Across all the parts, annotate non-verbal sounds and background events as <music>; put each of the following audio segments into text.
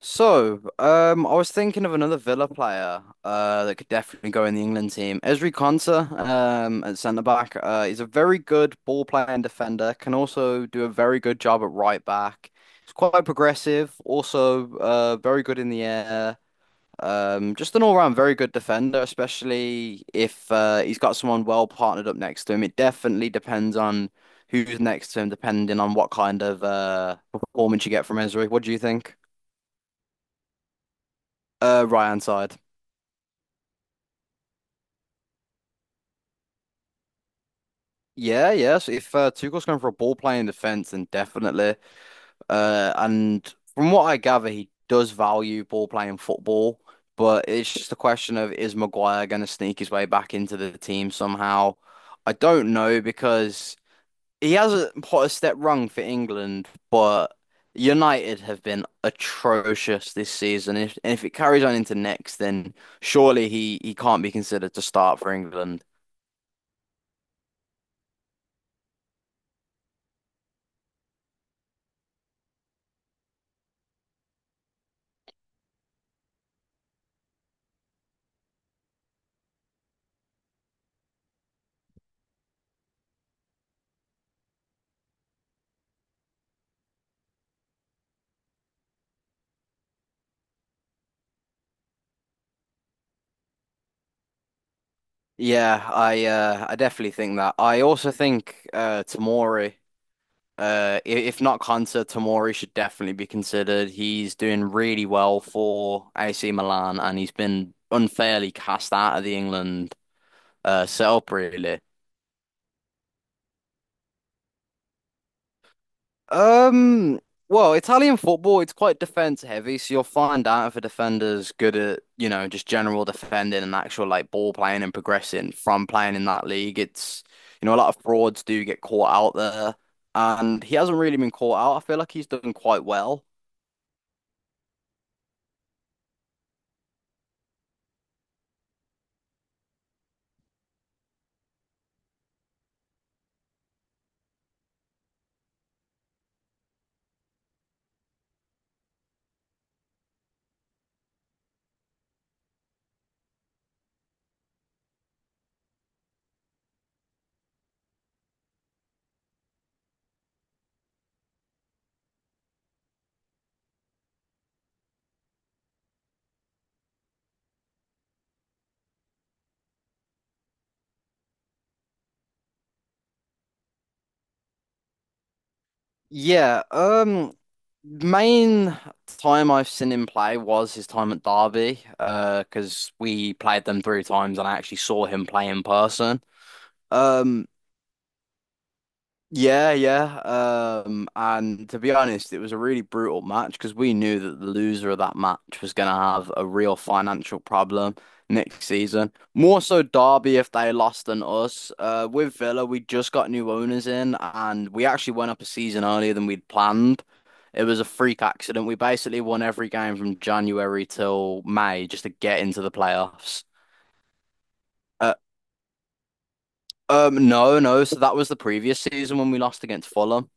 So I was thinking of another Villa player that could definitely go in the England team. Ezri Konsa, at centre back, he's a very good ball playing defender. Can also do a very good job at right back. He's quite progressive. Also, very good in the air. Just an all-round very good defender, especially if he's got someone well partnered up next to him. It definitely depends on who's next to him, depending on what kind of performance you get from Ezri. What do you think? Right hand side. Yeah, yeah. So if Tuchel's going for a ball playing defense, then definitely. And from what I gather, he does value ball playing football, but it's just a question of, is Maguire going to sneak his way back into the team somehow? I don't know because he hasn't put a step wrong for England, but United have been atrocious this season. If and if it carries on into next, then surely he can't be considered to start for England. Yeah, I definitely think that. I also think Tomori, if not Konsa, Tomori should definitely be considered. He's doing really well for AC Milan, and he's been unfairly cast out of the England setup, really. Um, well, Italian football, it's quite defense heavy, so you'll find out if a defender's good at, you know, just general defending and actual like ball playing and progressing from playing in that league. It's a lot of frauds do get caught out there, and he hasn't really been caught out. I feel like he's done quite well. Yeah, um, main time I've seen him play was his time at Derby, because we played them three times and I actually saw him play in person. Um, Yeah, yeah. And to be honest, it was a really brutal match because we knew that the loser of that match was going to have a real financial problem next season. More so Derby if they lost than us. With Villa, we just got new owners in and we actually went up a season earlier than we'd planned. It was a freak accident. We basically won every game from January till May just to get into the playoffs. Uh, no, no. So that was the previous season when we lost against Fulham.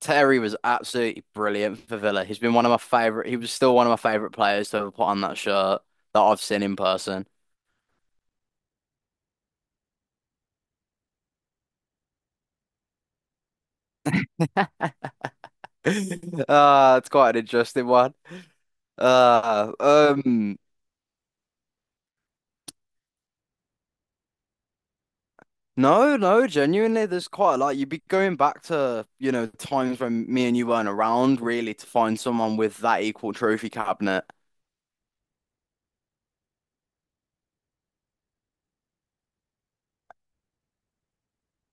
Terry was absolutely brilliant for Villa. He's been one of my favorite. He was still one of my favorite players to ever put on that shirt that I've seen in person. <laughs> It's quite an interesting one. Uh, um, no, no, genuinely, there's quite a lot. You'd be going back to, you know, times when me and you weren't around, really, to find someone with that equal trophy cabinet.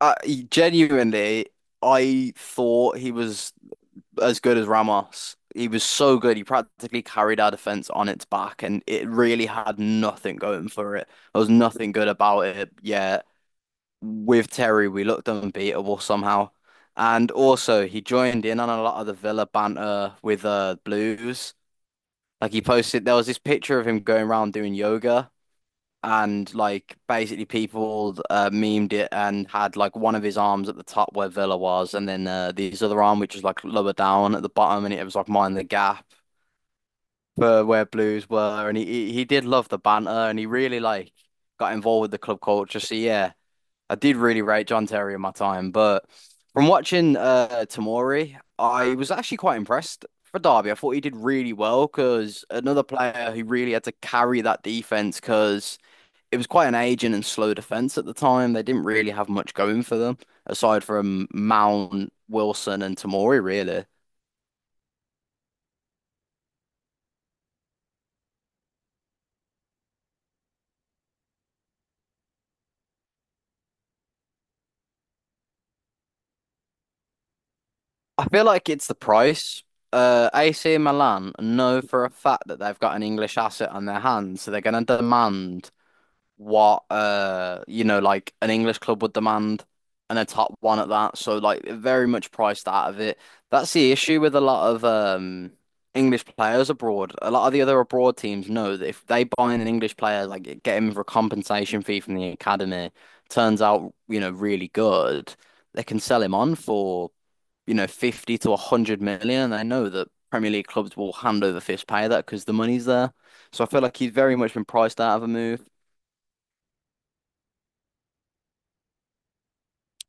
Genuinely, I thought he was as good as Ramos. He was so good. He practically carried our defense on its back, and it really had nothing going for it. There was nothing good about it. Yeah, with Terry, we looked unbeatable somehow. And also, he joined in on a lot of the Villa banter with Blues. Like he posted, there was this picture of him going around doing yoga, and like basically people memed it and had like one of his arms at the top where Villa was, and then his other arm which was like lower down at the bottom, and it was like mind the gap for where Blues were, and he did love the banter, and he really like got involved with the club culture. So yeah, I did really rate John Terry in my time, but from watching Tamori, I was actually quite impressed. For Derby, I thought he did really well because another player who really had to carry that defense because it was quite an aging and slow defense at the time. They didn't really have much going for them aside from Mount, Wilson, and Tamori, really. I feel like it's the price. AC Milan know for a fact that they've got an English asset on their hands, so they're going to demand what like an English club would demand, and a top one at that. So like they're very much priced out of it. That's the issue with a lot of English players abroad. A lot of the other abroad teams know that if they buy in an English player, like get him for a compensation fee from the academy, turns out, you know, really good, they can sell him on for, you know, 50 to 100 million. And they know that Premier League clubs will hand over fist pay that because the money's there. So I feel like he's very much been priced out of a move.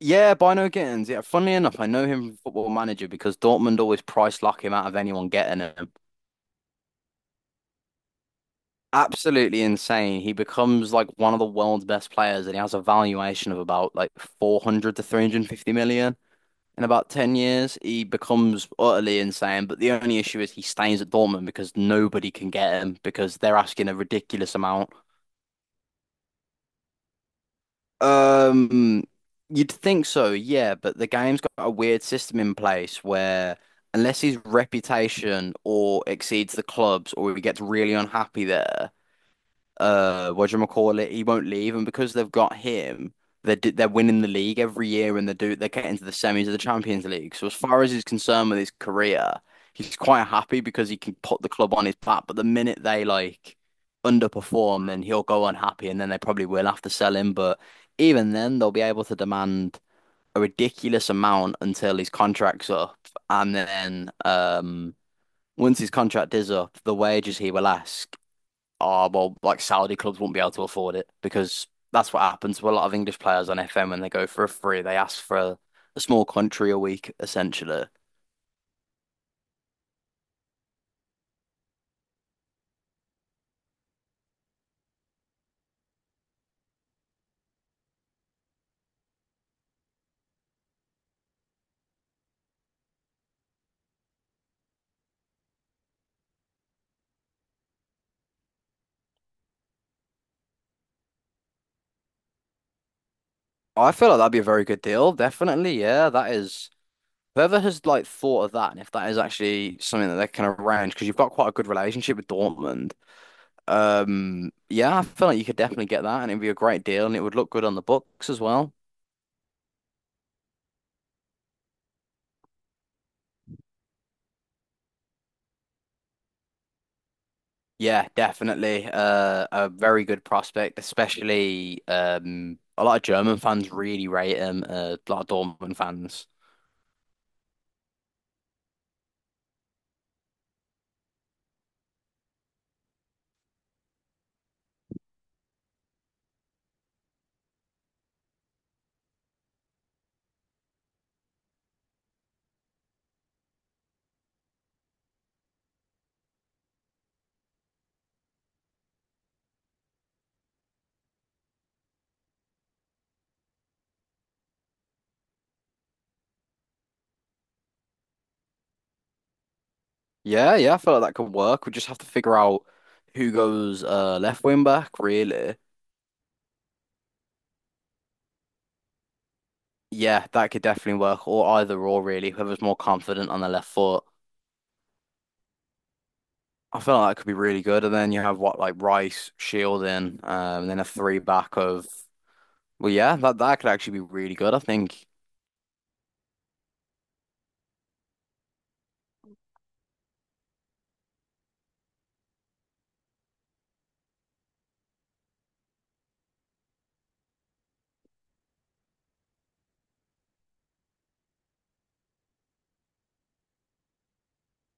Yeah, Bino Gittins. Yeah, funnily enough, I know him from Football Manager because Dortmund always price lock him out of anyone getting him. Absolutely insane. He becomes like one of the world's best players and he has a valuation of about like 400 to 350 million. In about 10 years, he becomes utterly insane. But the only issue is he stays at Dortmund because nobody can get him because they're asking a ridiculous amount. Um, you'd think so, yeah, but the game's got a weird system in place where unless his reputation or exceeds the club's or he gets really unhappy there, he won't leave. And because they've got him, they're winning the league every year and they're getting to the semis of the Champions League. So as far as he's concerned with his career, he's quite happy because he can put the club on his back. But the minute they like underperform, then he'll go unhappy and then they probably will have to sell him. But even then they'll be able to demand a ridiculous amount until his contract's up. And then once his contract is up, the wages he will ask, oh, well, like Saudi clubs won't be able to afford it because that's what happens to a lot of English players on FM when they go for a free. They ask for a small country a week, essentially. I feel like that'd be a very good deal, definitely. Yeah, that is. Whoever has like thought of that, and if that is actually something that they can arrange, because you've got quite a good relationship with Dortmund. Yeah, I feel like you could definitely get that, and it'd be a great deal, and it would look good on the books as well. Yeah, definitely. A very good prospect, especially a lot of German fans really rate him. A lot of Dortmund fans. Yeah, yeah, I feel like that could work. We just have to figure out who goes left wing back, really. Yeah, that could definitely work, or either or really, whoever's more confident on the left foot. I feel like that could be really good. And then you have what like Rice, Shielding, and then a three back of. Well, yeah, that could actually be really good, I think.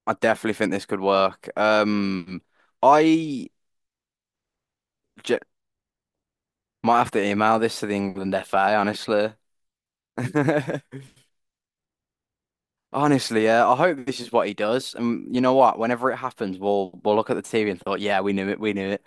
I definitely think this could work. I j might have to email this to the England FA, honestly. <laughs> Honestly, yeah. I hope this is what he does. And you know what? Whenever it happens, we'll look at the TV and thought, yeah, we knew it, we knew it.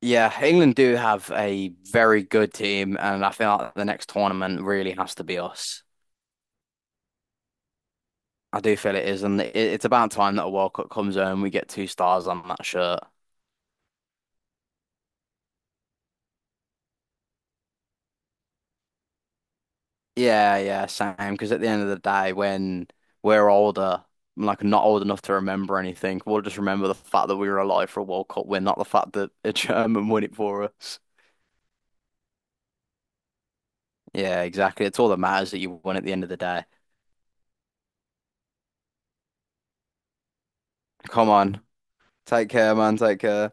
Yeah, England do have a very good team, and I feel like the next tournament really has to be us. I do feel it is, and it's about time that a World Cup comes home. We get two stars on that shirt. Yeah, yeah, same. Because at the end of the day, when we're older, like not old enough to remember anything, we'll just remember the fact that we were alive for a World Cup win, not the fact that a German won it for us. Yeah, exactly. It's all that matters that you won at the end of the day. Come on. Take care, man. Take care.